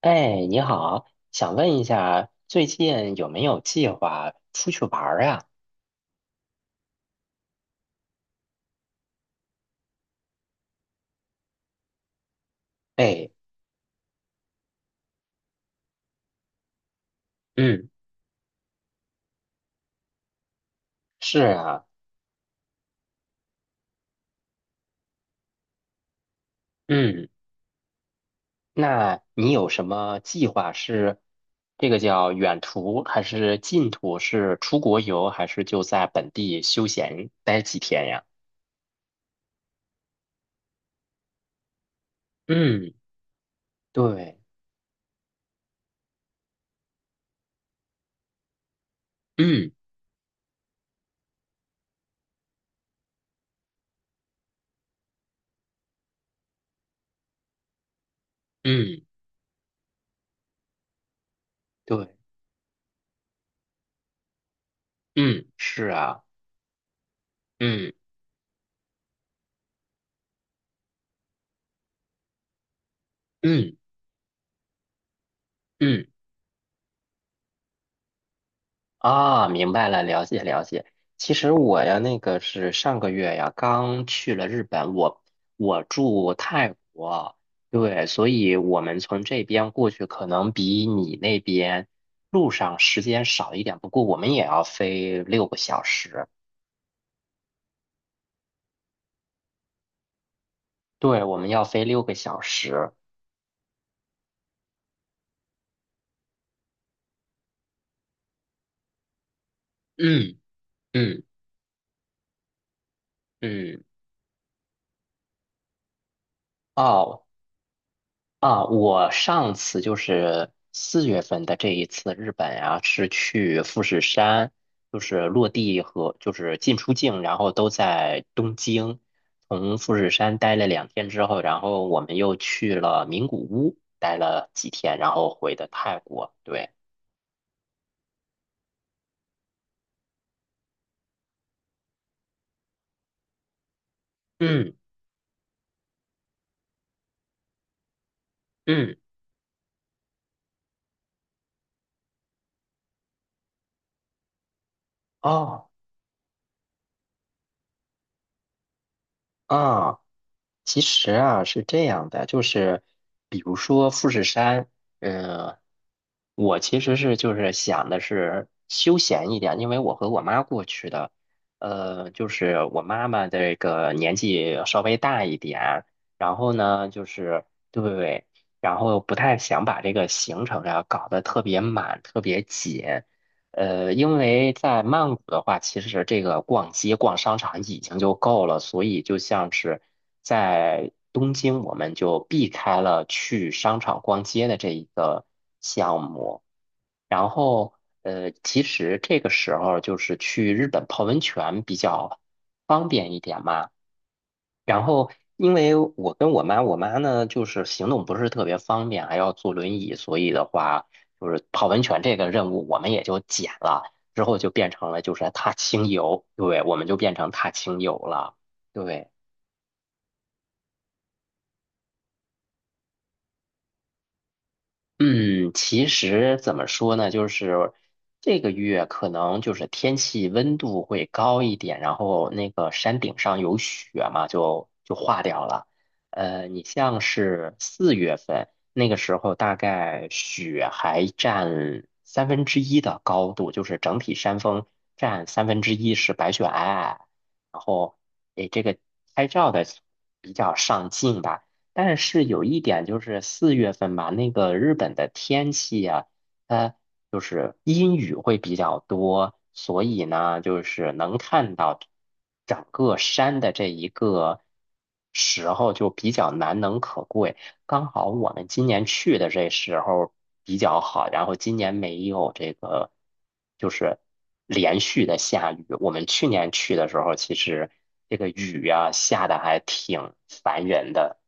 哎，你好，想问一下，最近有没有计划出去玩儿啊？哎。嗯。是啊。嗯。那你有什么计划，是这个叫远途还是近途？是出国游还是就在本地休闲待几天呀？嗯。对。嗯嗯。对。嗯。是啊。嗯嗯嗯。啊，明白了，了解了解。其实我呀，那个是上个月呀，刚去了日本，我住泰国。对，所以我们从这边过去，可能比你那边路上时间少一点，不过我们也要飞六个小时。对，我们要飞六个小时。嗯嗯嗯。哦。啊，我上次就是四月份的这一次日本啊，是去富士山，就是落地和就是进出境，然后都在东京。从富士山待了2天之后，然后我们又去了名古屋，待了几天，然后回的泰国。对。嗯嗯。哦。啊，其实啊，是这样的，就是比如说富士山，呃，我其实是就是想的是休闲一点，因为我和我妈过去的，就是我妈妈这个年纪稍微大一点，然后呢，就是对，然后不太想把这个行程啊搞得特别满，特别紧，因为在曼谷的话，其实这个逛街、逛商场已经就够了，所以就像是在东京，我们就避开了去商场逛街的这一个项目。然后，其实这个时候就是去日本泡温泉比较方便一点嘛。然后，因为我跟我妈，我妈呢就是行动不是特别方便，还要坐轮椅，所以的话，就是泡温泉这个任务我们也就减了，之后就变成了就是踏青游。对，我们就变成踏青游了。对。嗯，其实怎么说呢，就是这个月可能就是天气温度会高一点，然后那个山顶上有雪嘛，就化掉了。你像是四月份那个时候，大概雪还占三分之一的高度，就是整体山峰占三分之一是白雪皑皑，然后诶，这个拍照的比较上镜吧。但是有一点就是四月份吧，那个日本的天气呀、它就是阴雨会比较多，所以呢，就是能看到整个山的这一个时候就比较难能可贵。刚好我们今年去的这时候比较好，然后今年没有这个就是连续的下雨。我们去年去的时候，其实这个雨呀、下的还挺烦人的。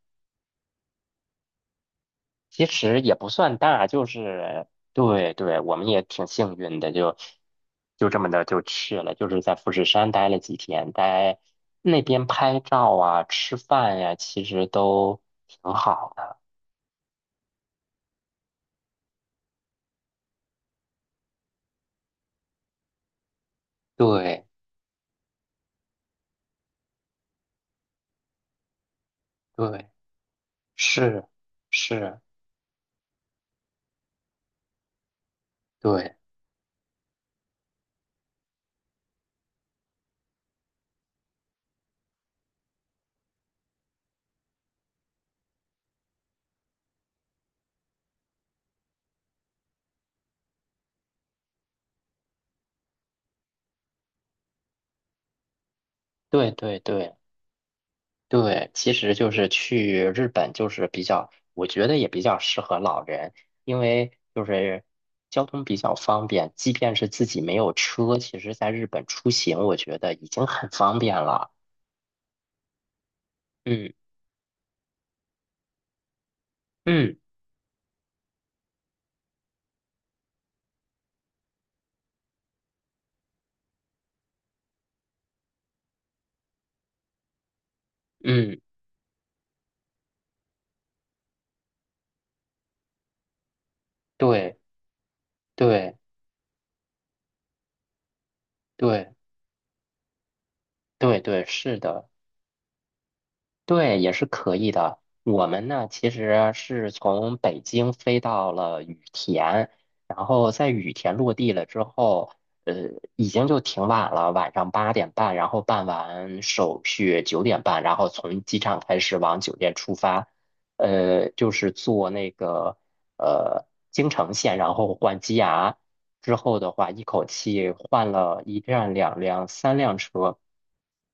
其实也不算大，就是对对，我们也挺幸运的，就这么的就去了，就是在富士山待了几天，待那边拍照啊、吃饭呀、其实都挺好的。对对。是是。对对对对。对，其实就是去日本，就是比较，我觉得也比较适合老人，因为就是交通比较方便，即便是自己没有车，其实在日本出行，我觉得已经很方便了。嗯嗯嗯。对对对对对，是的。对，也是可以的。我们呢，其实是从北京飞到了羽田，然后在羽田落地了之后，呃，已经就挺晚了，晚上8点半，然后办完手续9点半，然后从机场开始往酒店出发，就是坐那个呃京成线，然后换机衙，之后的话，一口气换了一辆、两辆、三辆车，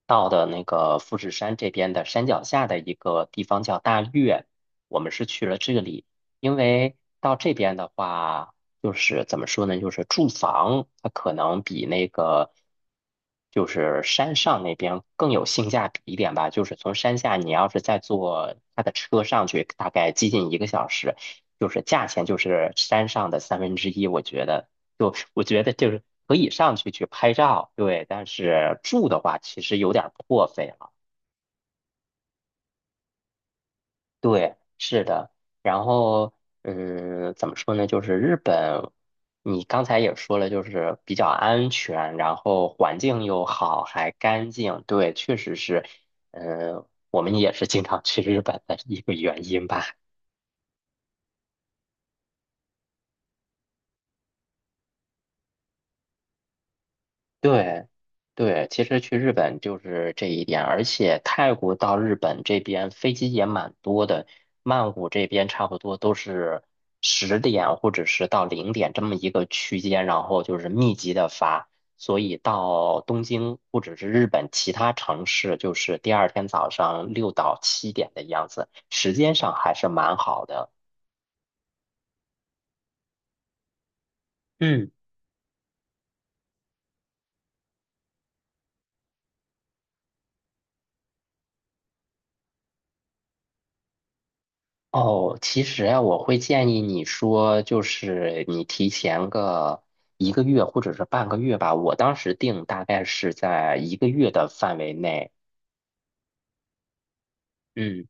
到的那个富士山这边的山脚下的一个地方叫大岳，我们是去了这里，因为到这边的话，就是怎么说呢，就是住房它可能比那个。就是山上那边更有性价比一点吧，就是从山下你要是再坐他的车上去，大概接近1个小时，就是价钱就是山上的三分之一，我觉得。就我觉得就是可以上去去拍照。对，但是住的话其实有点儿破费了。对，是的。然后，嗯，怎么说呢？就是日本，你刚才也说了，就是比较安全，然后环境又好，还干净。对，确实是，嗯，我们也是经常去日本的一个原因吧。对。对，其实去日本就是这一点，而且泰国到日本这边飞机也蛮多的，曼谷这边差不多都是10点或者是到0点这么一个区间，然后就是密集的发，所以到东京或者是日本其他城市，就是第二天早上6到7点的样子，时间上还是蛮好的。嗯。哦，其实啊，我会建议你说，就是你提前个一个月或者是半个月吧。我当时定大概是在一个月的范围内。嗯。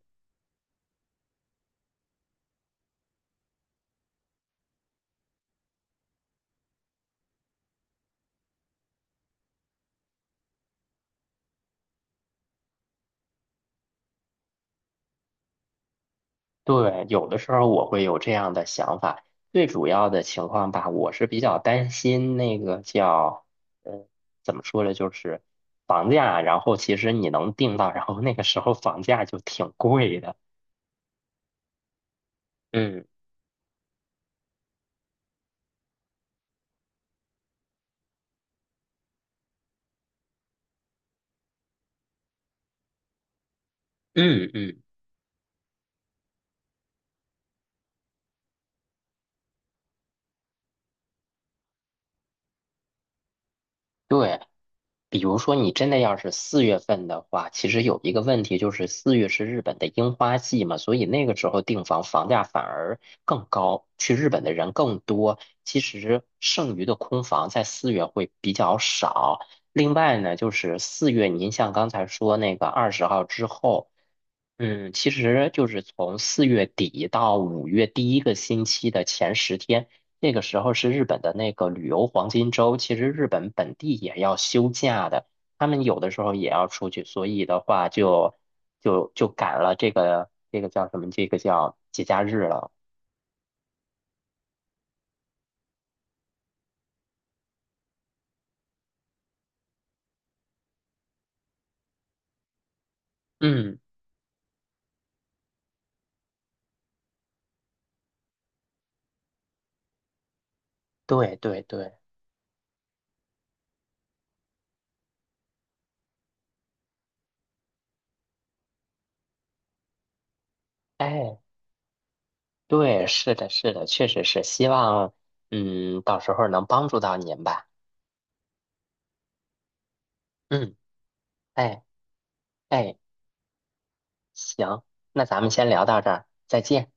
对，有的时候我会有这样的想法。最主要的情况吧，我是比较担心那个叫，呃，怎么说呢，就是房价。然后其实你能定到，然后那个时候房价就挺贵的。嗯嗯嗯。对，比如说你真的要是四月份的话，其实有一个问题就是四月是日本的樱花季嘛，所以那个时候订房房价反而更高，去日本的人更多。其实剩余的空房在四月会比较少。另外呢，就是四月，您像刚才说那个20号之后。嗯，其实就是从4月底到5月第一个星期的前10天，那个时候是日本的那个旅游黄金周。其实日本本地也要休假的，他们有的时候也要出去，所以的话就赶了这个叫什么？这个叫节假日了。嗯。对对对。哎。对，是的，是的，确实是，希望到时候能帮助到您吧。嗯。哎哎。行，那咱们先聊到这儿，再见。